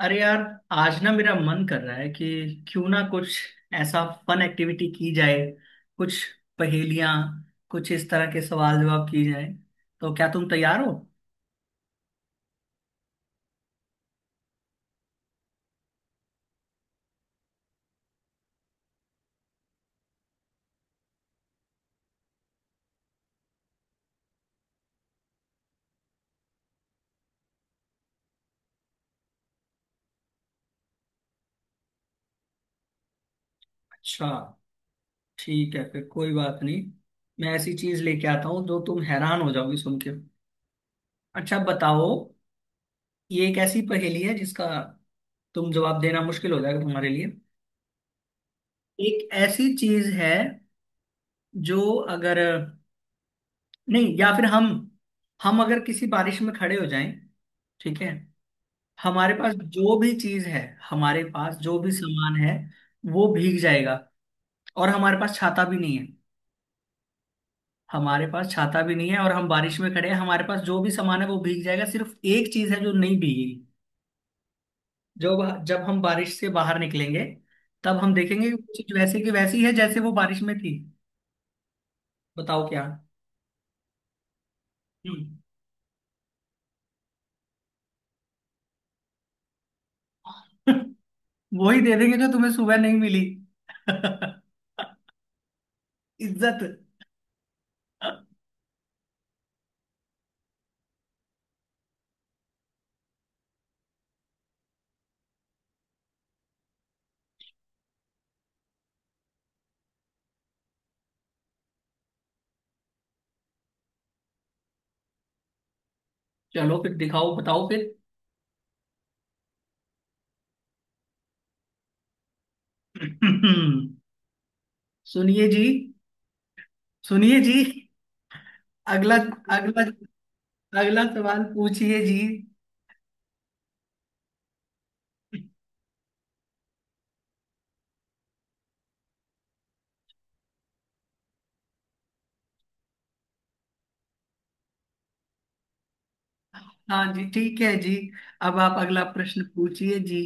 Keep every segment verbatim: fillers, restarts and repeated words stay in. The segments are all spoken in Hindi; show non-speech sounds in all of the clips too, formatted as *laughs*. अरे यार, आज ना मेरा मन कर रहा है कि क्यों ना कुछ ऐसा फन एक्टिविटी की जाए। कुछ पहेलियां, कुछ इस तरह के सवाल जवाब की जाए। तो क्या तुम तैयार हो? अच्छा, ठीक है फिर, कोई बात नहीं। मैं ऐसी चीज लेके आता हूँ जो तुम हैरान हो जाओगी सुन के। अच्छा बताओ, ये एक ऐसी पहेली है जिसका तुम जवाब देना मुश्किल हो जाएगा तुम्हारे लिए। एक ऐसी चीज है जो अगर नहीं, या फिर हम हम अगर किसी बारिश में खड़े हो जाएं, ठीक है, हमारे पास जो भी चीज है, हमारे पास जो भी सामान है वो भीग जाएगा। और हमारे पास छाता भी नहीं है। हमारे पास छाता भी नहीं है और हम बारिश में खड़े हैं, हमारे पास जो भी सामान है वो भीग जाएगा, सिर्फ एक चीज है जो नहीं भीगेगी। जो, जब हम बारिश से बाहर निकलेंगे तब हम देखेंगे कि वो चीज वैसे की वैसी है जैसे वो बारिश में थी। बताओ क्या। हम्म। *laughs* वही दे देंगे जो तुम्हें सुबह नहीं मिली। *laughs* इज्जत। चलो फिर, दिखाओ बताओ। फिर *clears throat* सुनिए जी, सुनिए जी, अगला अगला अगला सवाल पूछिए जी। हाँ जी, ठीक है जी, अब आप अगला प्रश्न पूछिए जी।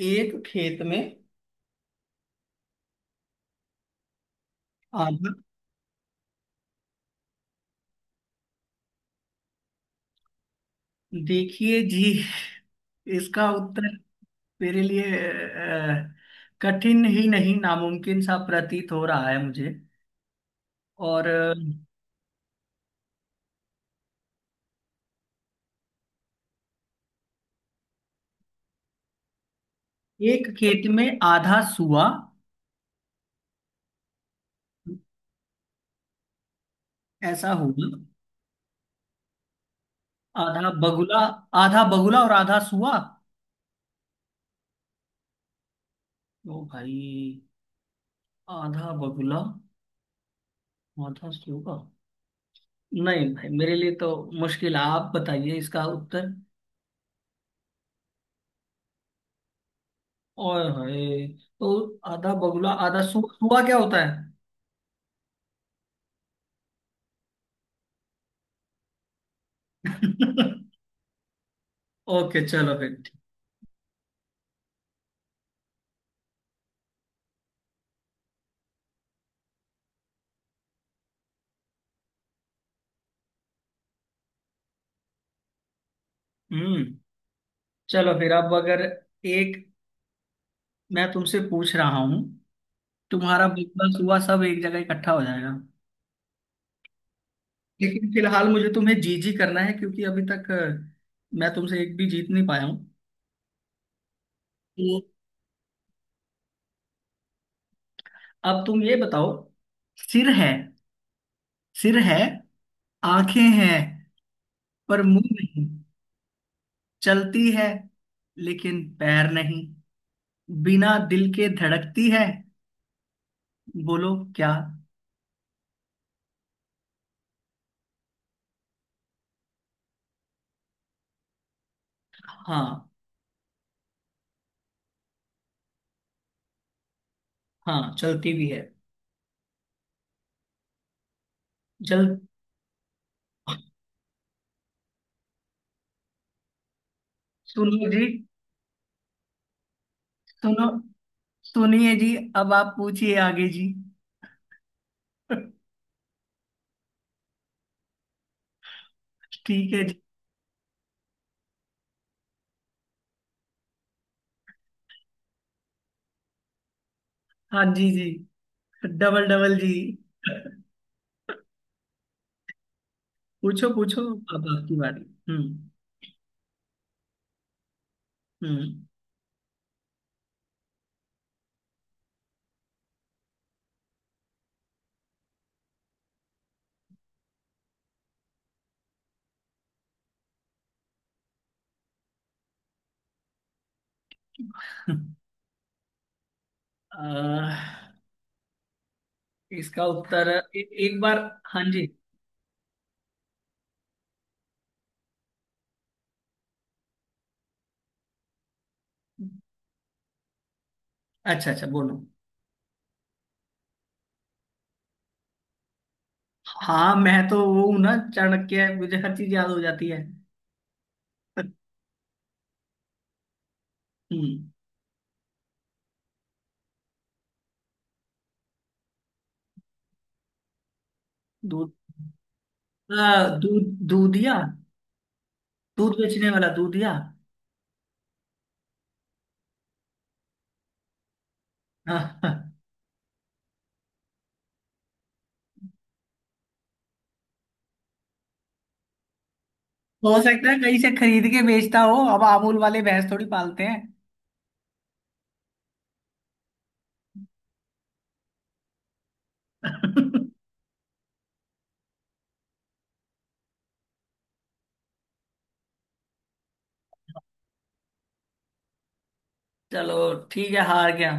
एक खेत में आधा, देखिए जी, इसका उत्तर मेरे लिए अ, कठिन ही नहीं, नामुमकिन सा प्रतीत हो रहा है मुझे। और अ, एक खेत में आधा सुआ, ऐसा होगा। आधा बगुला, आधा बगुला और आधा सुआ। ओ भाई, आधा बगुला, आधा सूगा। नहीं भाई, मेरे लिए तो मुश्किल है। आप बताइए इसका उत्तर। और है तो आधा बगुला आधा सूगा, सूगा क्या होता है? *laughs* ओके, चलो फिर ठीक। हम्म। चलो फिर, अब अगर एक, मैं तुमसे पूछ रहा हूँ तुम्हारा बगुला सूगा सब एक जगह इकट्ठा हो जाएगा। लेकिन फिलहाल मुझे तुम्हें जी जी करना है क्योंकि अभी तक अ, मैं तुमसे एक भी जीत नहीं पाया हूँ। तो अब तुम ये बताओ, सिर है सिर है आंखें हैं पर मुंह नहीं, चलती है लेकिन पैर नहीं, बिना दिल के धड़कती है। बोलो क्या। हाँ, हाँ चलती भी है, जल, सुनिए जी, सुनो, सुनिए जी, अब आप पूछिए आगे जी। *laughs* ठीक है जी। हाँ जी जी, डबल डबल जी। पूछो पूछो, अब आपकी बारी। हम्म। हम्म। *laughs* अह, इसका उत्तर, ए, एक बार, हाँ जी, अच्छा अच्छा बोलो। हाँ मैं तो वो हूँ ना, चाणक्य, मुझे हर चीज याद हो जाती है। हम्म, दूध, आ, दूध, दूधिया, दूध बेचने वाला दूधिया। हाँ, हाँ। हो सकता है कहीं से खरीद के बेचता हो, अब अमूल वाले भैंस थोड़ी पालते हैं। *laughs* चलो ठीक है, हार गया,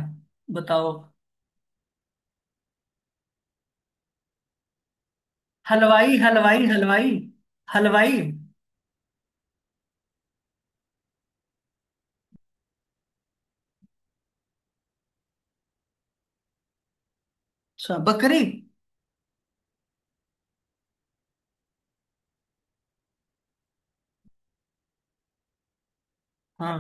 बताओ। हलवाई हलवाई हलवाई हलवाई। अच्छा बकरी। हाँ,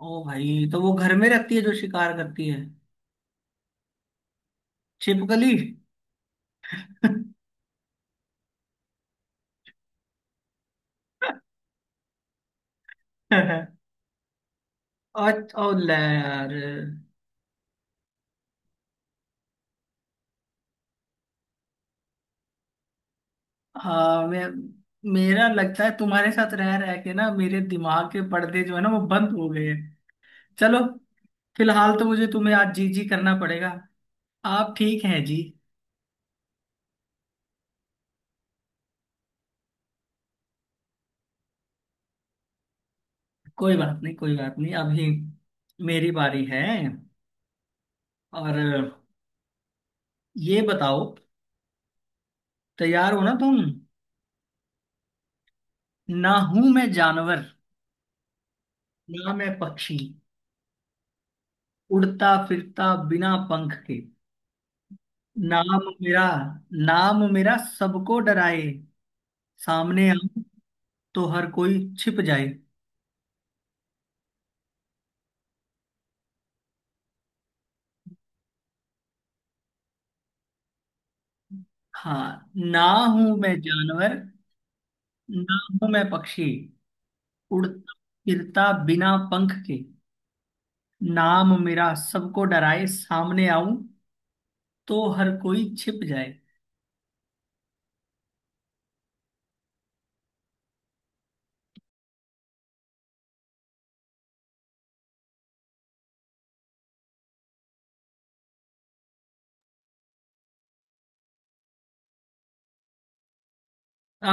ओ भाई तो वो घर में रहती है जो शिकार करती है। छिपकली। *laughs* और और ले यार। हाँ मैं, मेरा लगता है तुम्हारे साथ रह रह के ना मेरे दिमाग के पर्दे जो है ना वो बंद हो गए हैं। चलो, फिलहाल तो मुझे तुम्हें आज जी जी करना पड़ेगा। आप ठीक हैं जी? कोई बात नहीं, कोई बात नहीं, अभी मेरी बारी है। और ये बताओ, तैयार हो ना तुम? ना हूं मैं जानवर, ना मैं पक्षी, उड़ता फिरता बिना पंख के, नाम मेरा, नाम मेरा सबको डराए, सामने आ तो हर कोई छिप जाए। हाँ, ना हूं मैं जानवर, ना हूं मैं पक्षी, उड़ता फिरता बिना पंख के, नाम मेरा सबको डराए, सामने आऊं तो हर कोई छिप जाए।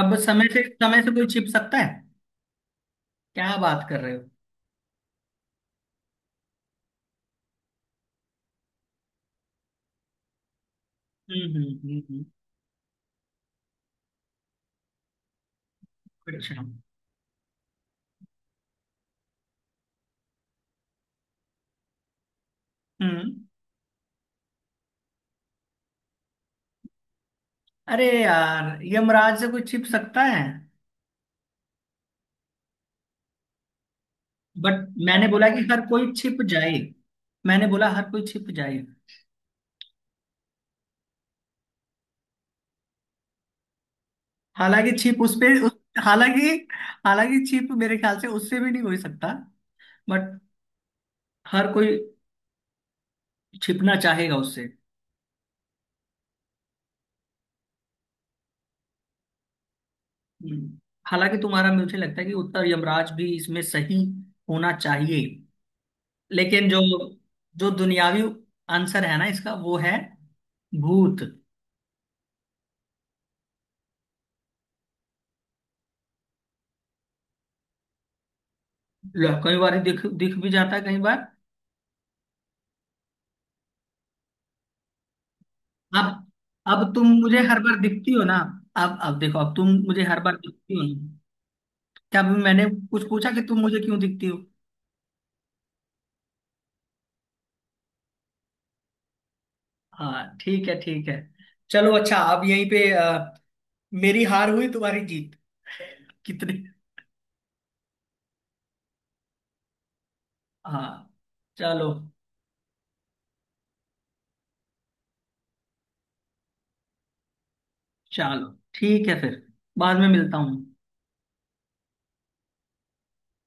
अब समय से, समय से कोई छिप सकता है क्या? बात कर रहे हो। हम्म हम्म हम्म हम्म, अच्छा, हम्म, अरे यार यमराज से कोई छिप सकता है? बट मैंने बोला कि हर कोई छिप जाए। मैंने बोला हर कोई छिप जाए। हालांकि छिप उस पे उस, हालांकि, हालांकि छिप मेरे ख्याल से उससे भी नहीं हो ही सकता, बट हर कोई छिपना चाहेगा उससे। हम्म। हालांकि तुम्हारा मुझे लगता है कि उत्तर यमराज भी इसमें सही होना चाहिए, लेकिन जो, जो दुनियावी आंसर है ना इसका वो है भूत। लो, कई बार दिख दिख भी जाता है कई बार। अब अब तुम मुझे हर बार दिखती हो ना। अब अब देखो, अब तुम मुझे हर बार दिखती हो ना। क्या अभी मैंने कुछ पूछा कि तुम मुझे क्यों दिखती हो? हाँ ठीक है, ठीक है, चलो अच्छा, अब यहीं पे अ, मेरी हार हुई, तुम्हारी जीत। *laughs* कितने, हाँ, चलो, चलो ठीक है फिर, बाद में मिलता हूँ।